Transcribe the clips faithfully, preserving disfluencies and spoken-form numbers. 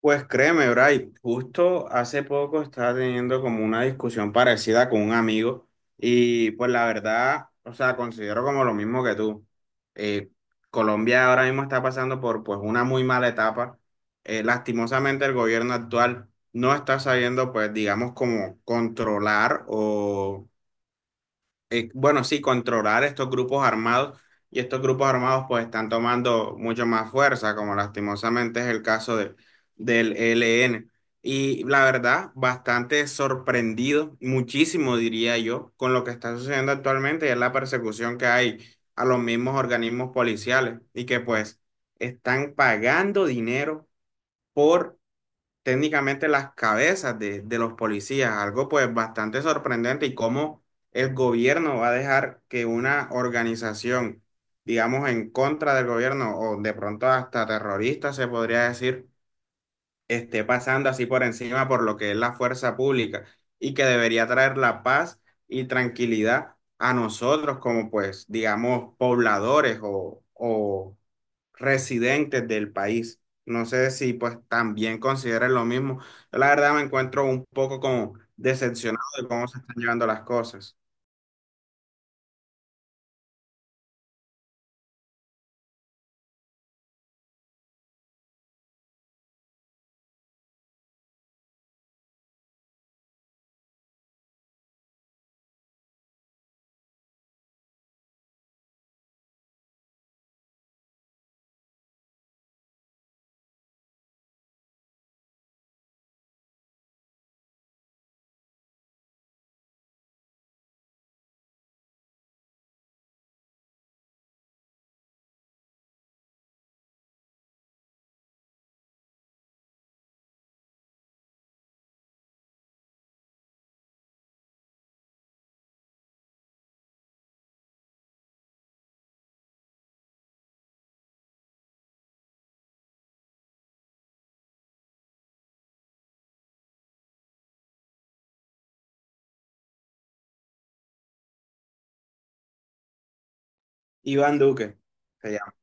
Pues créeme, Bray, justo hace poco estaba teniendo como una discusión parecida con un amigo y pues la verdad, o sea, considero como lo mismo que tú. Eh, Colombia ahora mismo está pasando por pues una muy mala etapa. Eh, lastimosamente el gobierno actual no está sabiendo pues digamos como controlar o eh, bueno, sí, controlar estos grupos armados y estos grupos armados pues están tomando mucho más fuerza, como lastimosamente es el caso de, del E L N. Y la verdad, bastante sorprendido, muchísimo diría yo, con lo que está sucediendo actualmente y es la persecución que hay a los mismos organismos policiales y que pues están pagando dinero por técnicamente las cabezas de, de los policías, algo pues bastante sorprendente, y cómo el gobierno va a dejar que una organización, digamos, en contra del gobierno o de pronto hasta terrorista se podría decir, esté pasando así por encima por lo que es la fuerza pública y que debería traer la paz y tranquilidad a nosotros como pues, digamos, pobladores o... o residentes del país. No sé si pues también consideren lo mismo. Yo la verdad me encuentro un poco como decepcionado de cómo se están llevando las cosas. Iván Duque se llama.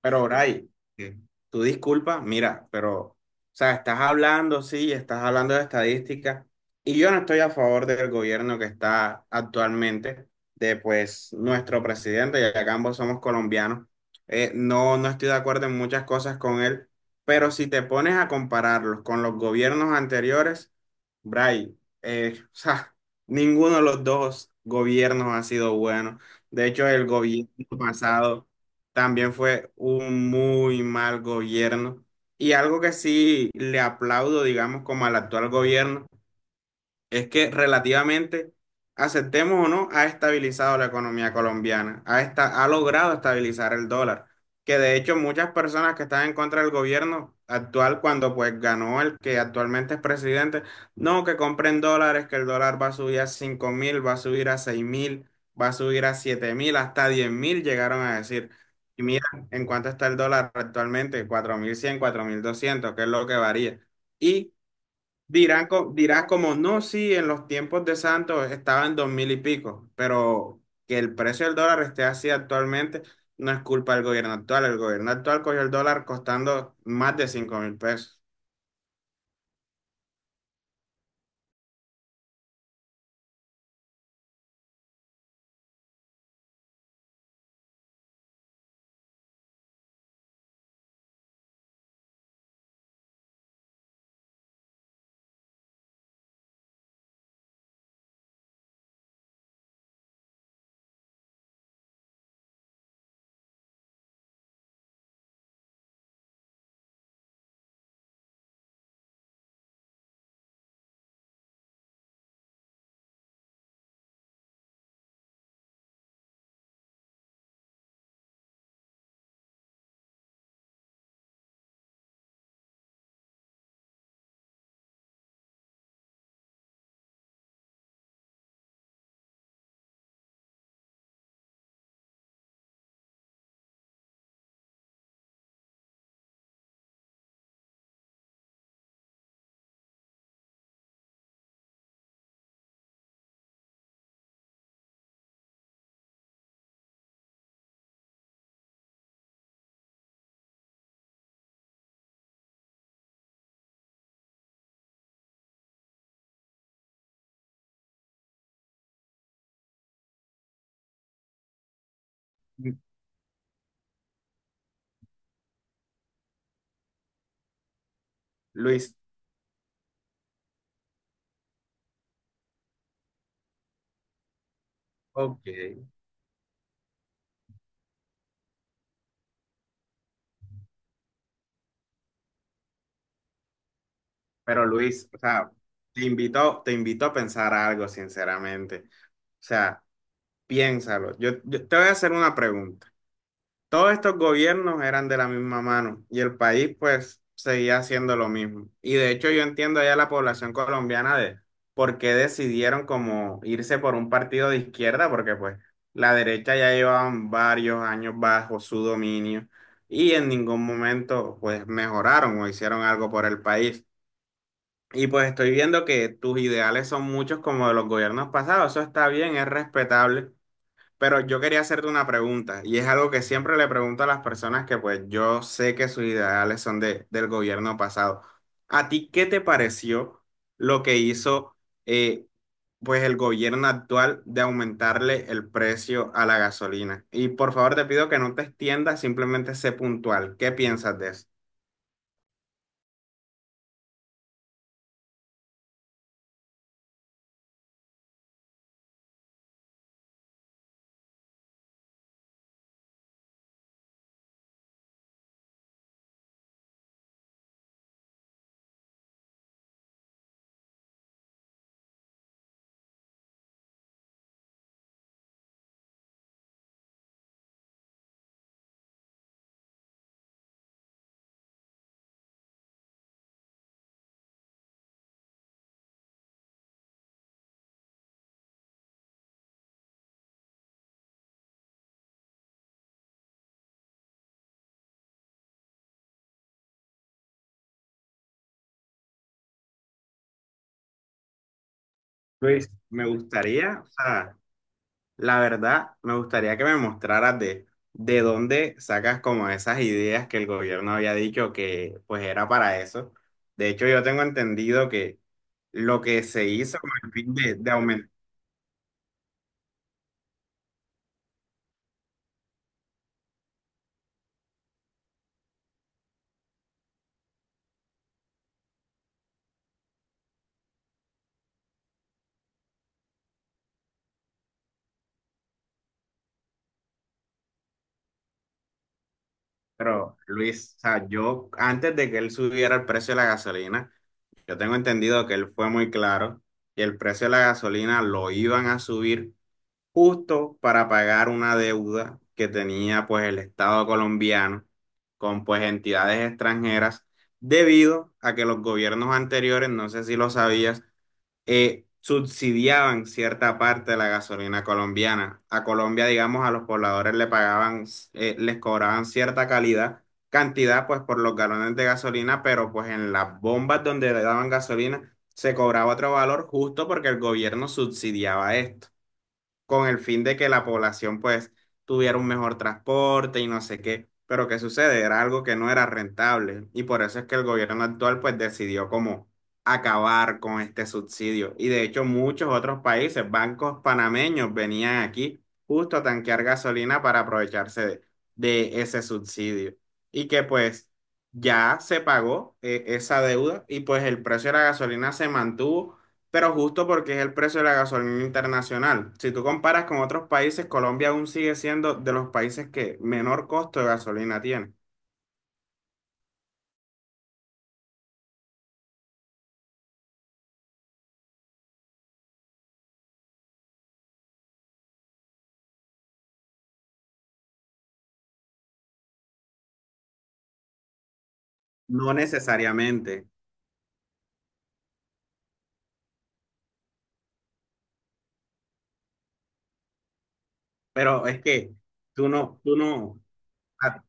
Pero, Bray, ¿qué? Tú disculpa, mira, pero, o sea, estás hablando, sí, estás hablando de estadística, y yo no estoy a favor del gobierno que está actualmente, de pues nuestro presidente, ya que ambos somos colombianos. Eh, no, no estoy de acuerdo en muchas cosas con él, pero si te pones a compararlos con los gobiernos anteriores, Bray, eh, o sea, ninguno de los dos gobiernos ha sido bueno. De hecho, el gobierno pasado también fue un muy mal gobierno. Y algo que sí le aplaudo, digamos, como al actual gobierno, es que relativamente, aceptemos o no, ha estabilizado la economía colombiana, ha, esta- ha logrado estabilizar el dólar, que de hecho muchas personas que están en contra del gobierno actual, cuando pues ganó el que actualmente es presidente, no, que compren dólares, que el dólar va a subir a cinco mil, va a subir a seis mil, va a subir a siete mil, hasta diez mil llegaron a decir. Y mira, en cuánto está el dólar actualmente, cuatro cuatro mil cien, cuatro mil doscientos, que es lo que varía. Y dirán, co- dirás como, no, sí, en los tiempos de Santos estaba en dos mil y pico, pero que el precio del dólar esté así actualmente no es culpa del gobierno actual. El gobierno actual cogió el dólar costando más de cinco mil pesos. Luis, ok, pero Luis, o sea, te invito, te invito a pensar algo, sinceramente. O sea, piénsalo. Yo, yo te voy a hacer una pregunta. Todos estos gobiernos eran de la misma mano y el país pues seguía haciendo lo mismo. Y de hecho yo entiendo ya la población colombiana de por qué decidieron como irse por un partido de izquierda, porque pues la derecha ya llevaban varios años bajo su dominio y en ningún momento pues mejoraron o hicieron algo por el país. Y pues estoy viendo que tus ideales son muchos como de los gobiernos pasados, eso está bien, es respetable. Pero yo quería hacerte una pregunta, y es algo que siempre le pregunto a las personas que pues yo sé que sus ideales son de, del gobierno pasado. ¿A ti qué te pareció lo que hizo eh, pues el gobierno actual de aumentarle el precio a la gasolina? Y por favor te pido que no te extiendas, simplemente sé puntual. ¿Qué piensas de eso? Luis, me gustaría, o sea, la verdad, me gustaría que me mostraras de, de dónde sacas como esas ideas que el gobierno había dicho que pues era para eso. De hecho, yo tengo entendido que lo que se hizo con el fin de, de aumentar, pero Luis, o sea, yo antes de que él subiera el precio de la gasolina, yo tengo entendido que él fue muy claro que el precio de la gasolina lo iban a subir justo para pagar una deuda que tenía pues el Estado colombiano con pues entidades extranjeras debido a que los gobiernos anteriores, no sé si lo sabías, eh, subsidiaban cierta parte de la gasolina colombiana. A Colombia, digamos, a los pobladores le pagaban, eh, les cobraban cierta calidad, cantidad pues por los galones de gasolina, pero pues en las bombas donde le daban gasolina se cobraba otro valor justo porque el gobierno subsidiaba esto con el fin de que la población pues tuviera un mejor transporte y no sé qué. Pero ¿qué sucede? Era algo que no era rentable y por eso es que el gobierno actual pues decidió como acabar con este subsidio. Y de hecho muchos otros países, bancos panameños venían aquí justo a tanquear gasolina para aprovecharse de, de ese subsidio. Y que pues ya se pagó eh, esa deuda y pues el precio de la gasolina se mantuvo pero justo porque es el precio de la gasolina internacional. Si tú comparas con otros países, Colombia aún sigue siendo de los países que menor costo de gasolina tiene. No necesariamente, pero es que tú no, tú no, a-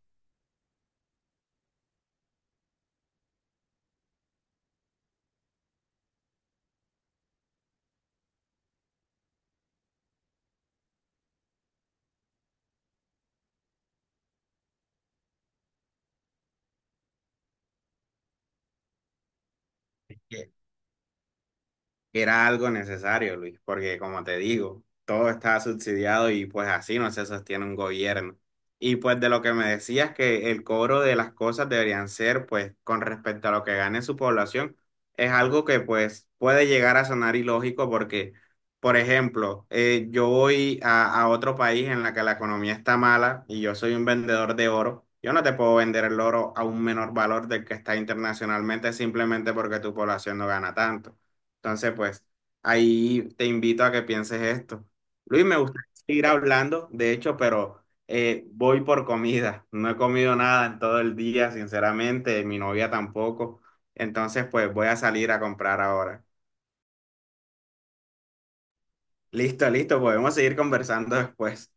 era algo necesario, Luis, porque como te digo, todo está subsidiado y pues así no se sostiene un gobierno. Y pues de lo que me decías que el cobro de las cosas deberían ser pues con respecto a lo que gane su población, es algo que pues puede llegar a sonar ilógico porque, por ejemplo, eh, yo voy a, a otro país en la que la economía está mala y yo soy un vendedor de oro. Yo no te puedo vender el oro a un menor valor del que está internacionalmente simplemente porque tu población no gana tanto. Entonces, pues, ahí te invito a que pienses esto. Luis, me gustaría seguir hablando, de hecho, pero eh, voy por comida. No he comido nada en todo el día, sinceramente, mi novia tampoco. Entonces, pues, voy a salir a comprar ahora. Listo, listo, podemos seguir conversando después.